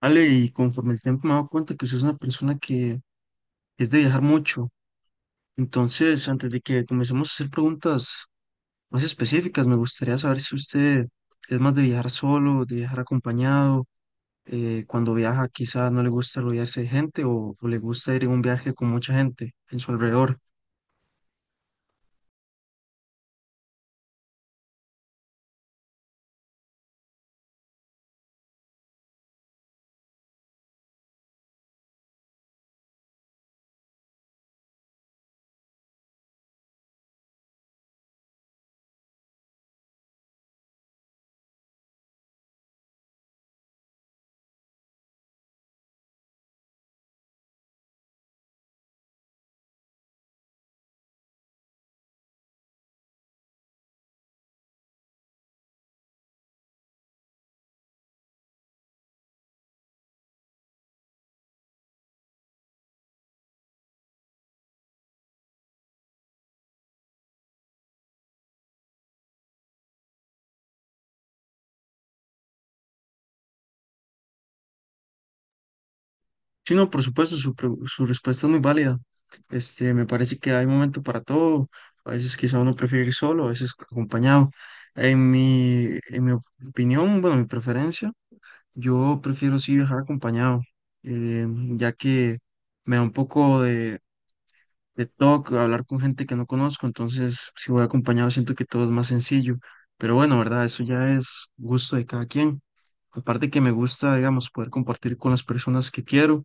Ale, y conforme el tiempo me he dado cuenta que usted es una persona que es de viajar mucho. Entonces, antes de que comencemos a hacer preguntas más específicas, me gustaría saber si usted es más de viajar solo, de viajar acompañado. Cuando viaja, quizá no le gusta rodearse de gente o le gusta ir en un viaje con mucha gente en su alrededor. Sí, no, por supuesto, su respuesta es muy válida. Me parece que hay momento para todo. A veces quizá uno prefiere ir solo, a veces acompañado. En mi opinión, bueno, mi preferencia, yo prefiero sí viajar acompañado, eh, ya que me da un poco de toque hablar con gente que no conozco, entonces si voy acompañado siento que todo es más sencillo. Pero bueno, ¿verdad? Eso ya es gusto de cada quien. Aparte que me gusta, digamos, poder compartir con las personas que quiero,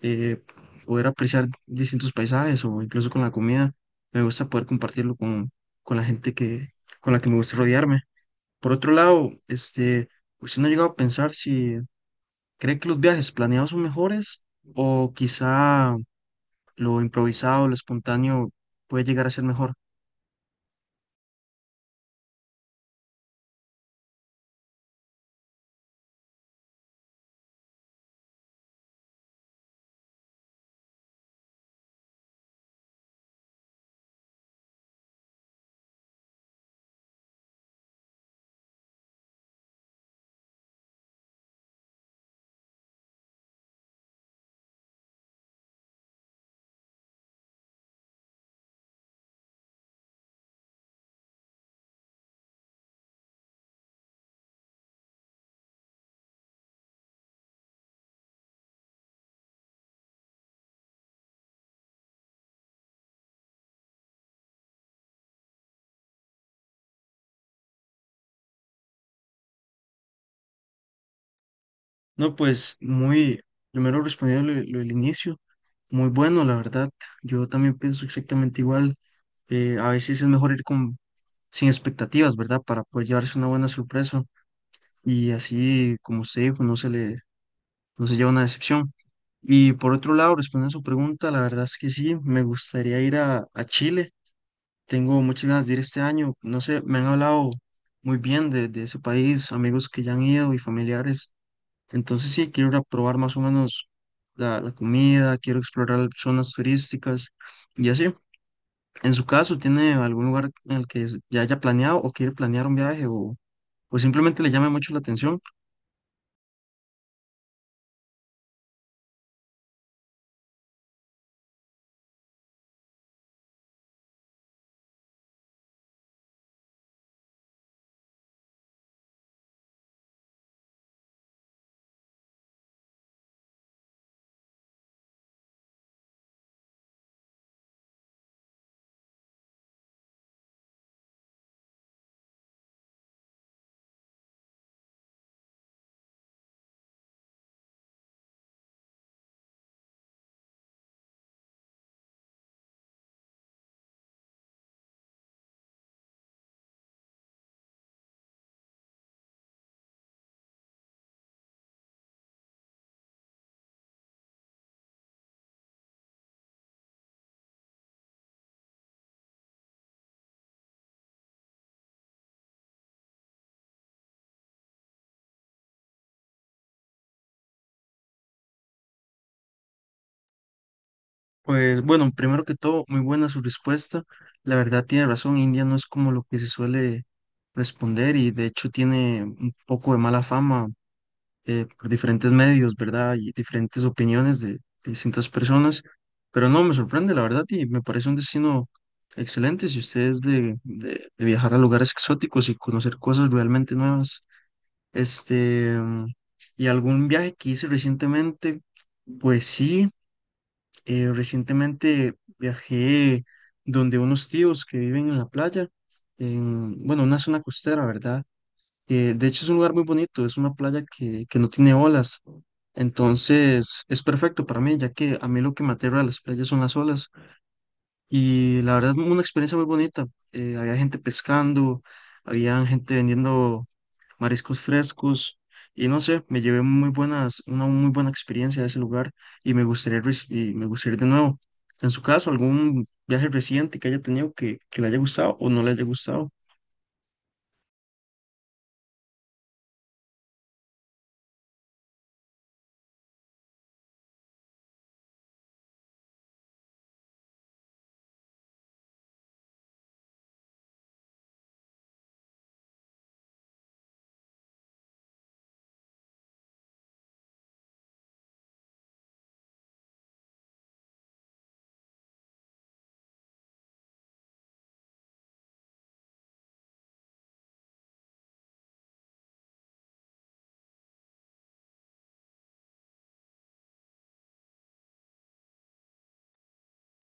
eh, poder apreciar distintos paisajes o incluso con la comida. Me gusta poder compartirlo con la gente con la que me gusta rodearme. Por otro lado, usted no ha llegado a pensar si cree que los viajes planeados son mejores o quizá lo improvisado, lo espontáneo puede llegar a ser mejor. No, pues primero respondiendo lo del inicio, muy bueno, la verdad. Yo también pienso exactamente igual. A veces es mejor ir con sin expectativas, ¿verdad? Para poder llevarse una buena sorpresa y así, como usted dijo, no se lleva una decepción. Y por otro lado, respondiendo a su pregunta, la verdad es que sí, me gustaría ir a Chile. Tengo muchas ganas de ir este año. No sé, me han hablado muy bien de ese país, amigos que ya han ido y familiares. Entonces sí, quiero ir a probar más o menos la comida, quiero explorar zonas turísticas y así. En su caso, ¿tiene algún lugar en el que ya haya planeado o quiere planear un viaje o pues simplemente le llame mucho la atención? Pues bueno, primero que todo, muy buena su respuesta. La verdad tiene razón, India no es como lo que se suele responder y de hecho tiene un poco de mala fama, por diferentes medios, ¿verdad? Y diferentes opiniones de distintas personas. Pero no, me sorprende, la verdad, y me parece un destino excelente si usted es de viajar a lugares exóticos y conocer cosas realmente nuevas. Este, y algún viaje que hice recientemente, pues sí. Recientemente viajé donde unos tíos que viven en la playa, bueno, una zona costera, ¿verdad? De hecho es un lugar muy bonito, es una playa que no tiene olas, entonces es perfecto para mí, ya que a mí lo que me aterra de las playas son las olas, y la verdad una experiencia muy bonita. Había gente pescando, había gente vendiendo mariscos frescos y no sé, me llevé una muy buena experiencia de ese lugar y y me gustaría ir de nuevo. En su caso, algún viaje reciente que haya tenido que le haya gustado o no le haya gustado.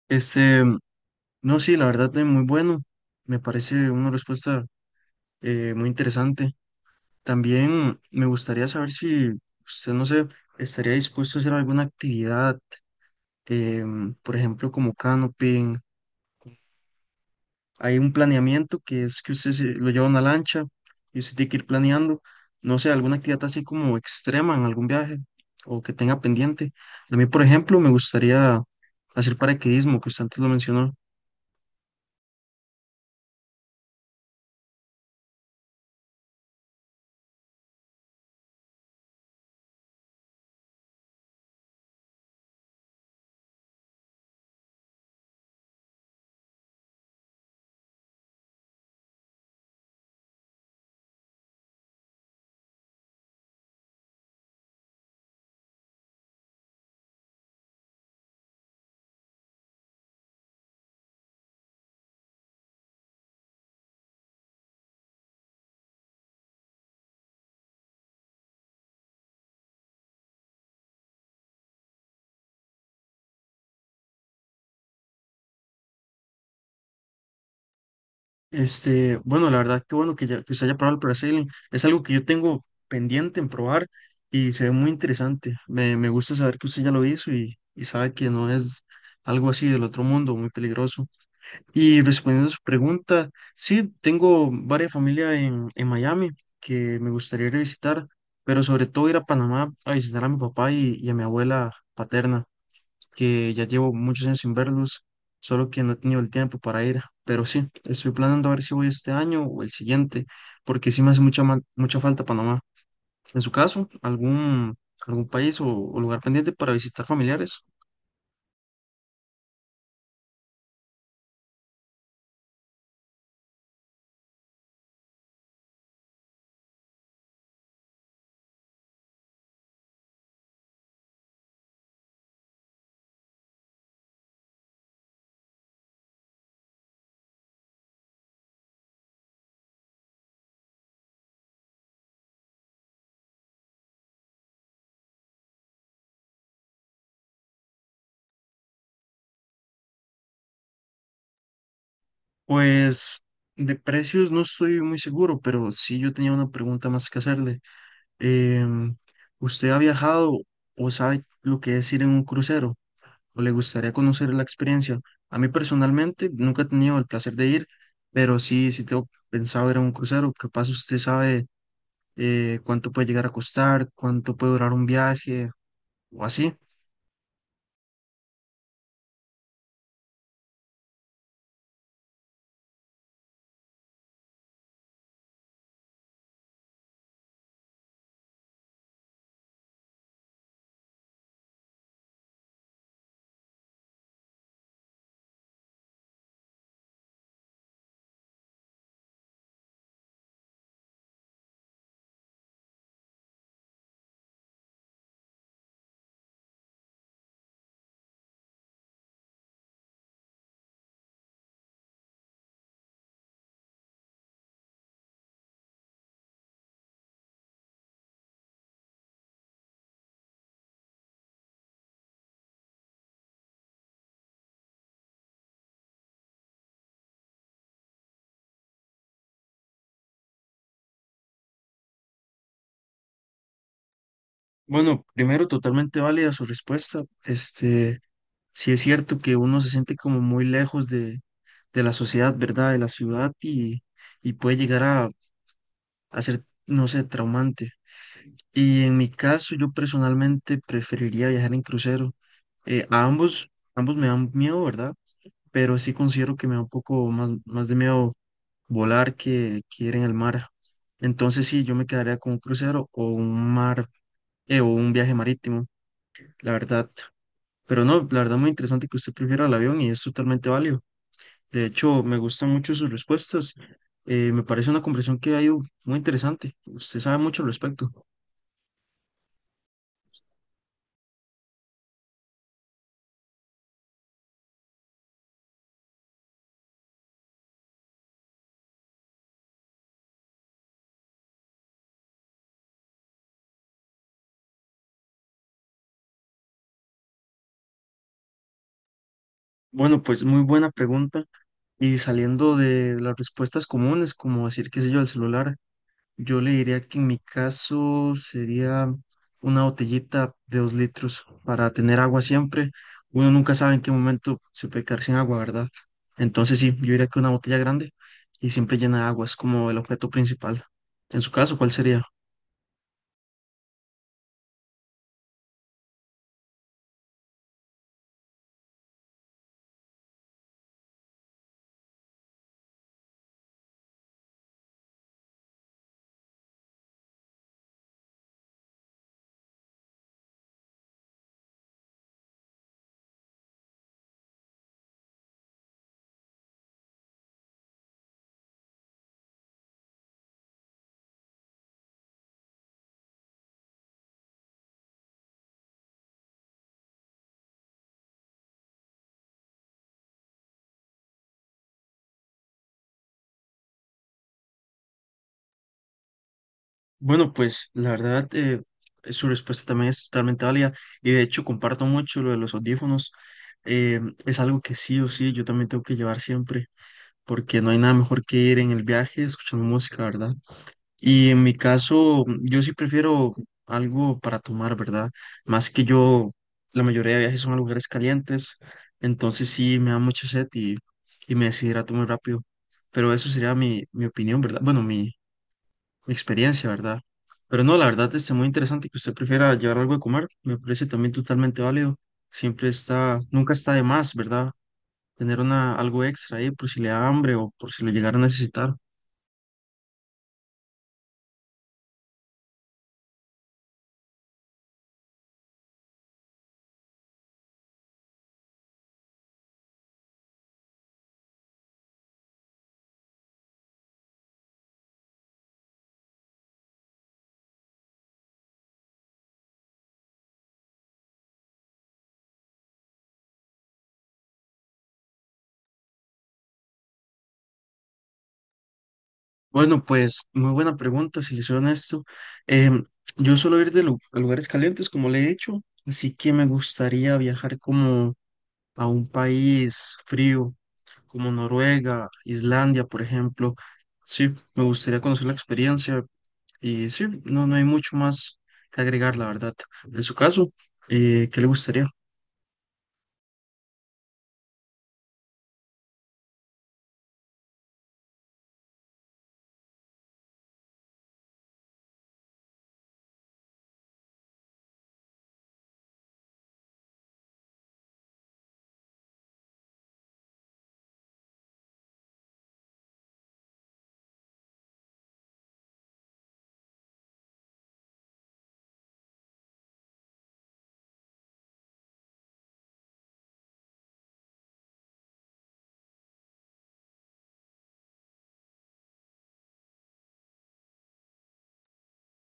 Este, no, sí, la verdad es muy bueno. Me parece una respuesta muy interesante. También me gustaría saber si usted, no sé, estaría dispuesto a hacer alguna actividad, por ejemplo, como canoping. Hay un planeamiento que es que usted lo lleva a una lancha y usted tiene que ir planeando, no sé, alguna actividad así como extrema en algún viaje o que tenga pendiente. A mí, por ejemplo, me gustaría hacer paracaidismo, que usted antes lo mencionó. Bueno, la verdad que bueno que usted haya probado el parasailing. Es algo que yo tengo pendiente en probar y se ve muy interesante. Me gusta saber que usted ya lo hizo y sabe que no es algo así del otro mundo, muy peligroso. Y respondiendo a su pregunta, sí, tengo varias familias en Miami que me gustaría ir a visitar, pero sobre todo ir a Panamá a visitar a mi papá y a mi abuela paterna, que ya llevo muchos años sin verlos, solo que no he tenido el tiempo para ir. Pero sí, estoy planeando a ver si voy este año o el siguiente, porque sí me hace mucha falta Panamá. En su caso, ¿algún país o lugar pendiente para visitar familiares? Pues de precios no estoy muy seguro, pero sí yo tenía una pregunta más que hacerle. Em, ¿Usted ha viajado o sabe lo que es ir en un crucero? ¿O le gustaría conocer la experiencia? A mí personalmente nunca he tenido el placer de ir, pero sí, sí tengo pensado ir a un crucero. Capaz usted sabe, cuánto puede llegar a costar, cuánto puede durar un viaje o así. Bueno, primero, totalmente válida su respuesta. Sí es cierto que uno se siente como muy lejos de la sociedad, ¿verdad? De la ciudad y puede llegar a ser, no sé, traumante. Y en mi caso, yo personalmente preferiría viajar en crucero. A ambos me dan miedo, ¿verdad? Pero sí considero que me da un poco más de miedo volar que ir en el mar. Entonces sí, yo me quedaría con un crucero o un mar, o un viaje marítimo, la verdad. Pero no, la verdad muy interesante que usted prefiera el avión y es totalmente válido. De hecho, me gustan mucho sus respuestas. Me parece una conversación que ha ido muy interesante. Usted sabe mucho al respecto. Bueno, pues muy buena pregunta. Y saliendo de las respuestas comunes, como decir, qué sé yo, el celular, yo le diría que en mi caso sería una botellita de 2 litros para tener agua siempre. Uno nunca sabe en qué momento se puede quedar sin agua, ¿verdad? Entonces sí, yo diría que una botella grande y siempre llena de agua es como el objeto principal. En su caso, ¿cuál sería? Bueno, pues la verdad, su respuesta también es totalmente válida y de hecho comparto mucho lo de los audífonos. Es algo que sí o sí yo también tengo que llevar siempre porque no hay nada mejor que ir en el viaje escuchando música, ¿verdad? Y en mi caso, yo sí prefiero algo para tomar, ¿verdad? Más que yo, la mayoría de viajes son a lugares calientes, entonces sí me da mucha sed y me decidirá tomar rápido. Pero eso sería mi opinión, ¿verdad? Bueno, mi experiencia, ¿verdad? Pero no, la verdad es muy interesante que usted prefiera llevar algo de comer, me parece también totalmente válido. Nunca está de más, ¿verdad? Tener algo extra ahí por si le da hambre o por si lo llegara a necesitar. Bueno, pues muy buena pregunta, si le soy honesto. Em, yo suelo ir a lugares calientes, como le he dicho, así que me gustaría viajar como a un país frío, como Noruega, Islandia, por ejemplo. Sí, me gustaría conocer la experiencia. Y sí, no hay mucho más que agregar, la verdad. En su caso, ¿qué le gustaría?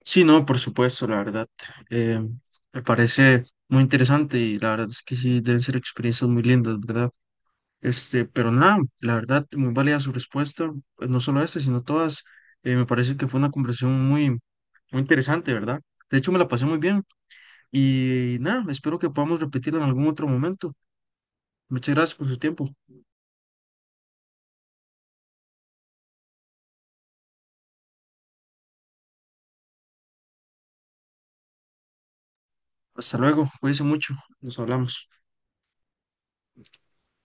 Sí, no, por supuesto, la verdad. eh, Me parece muy interesante y la verdad es que sí, deben ser experiencias muy lindas, ¿verdad? Pero nada, la verdad, muy válida su respuesta, pues, no solo esta, sino todas. Me parece que fue una conversación muy, muy interesante, ¿verdad? De hecho, me la pasé muy bien y nada, espero que podamos repetirla en algún otro momento. Muchas gracias por su tiempo. Hasta luego, cuídense mucho, nos hablamos.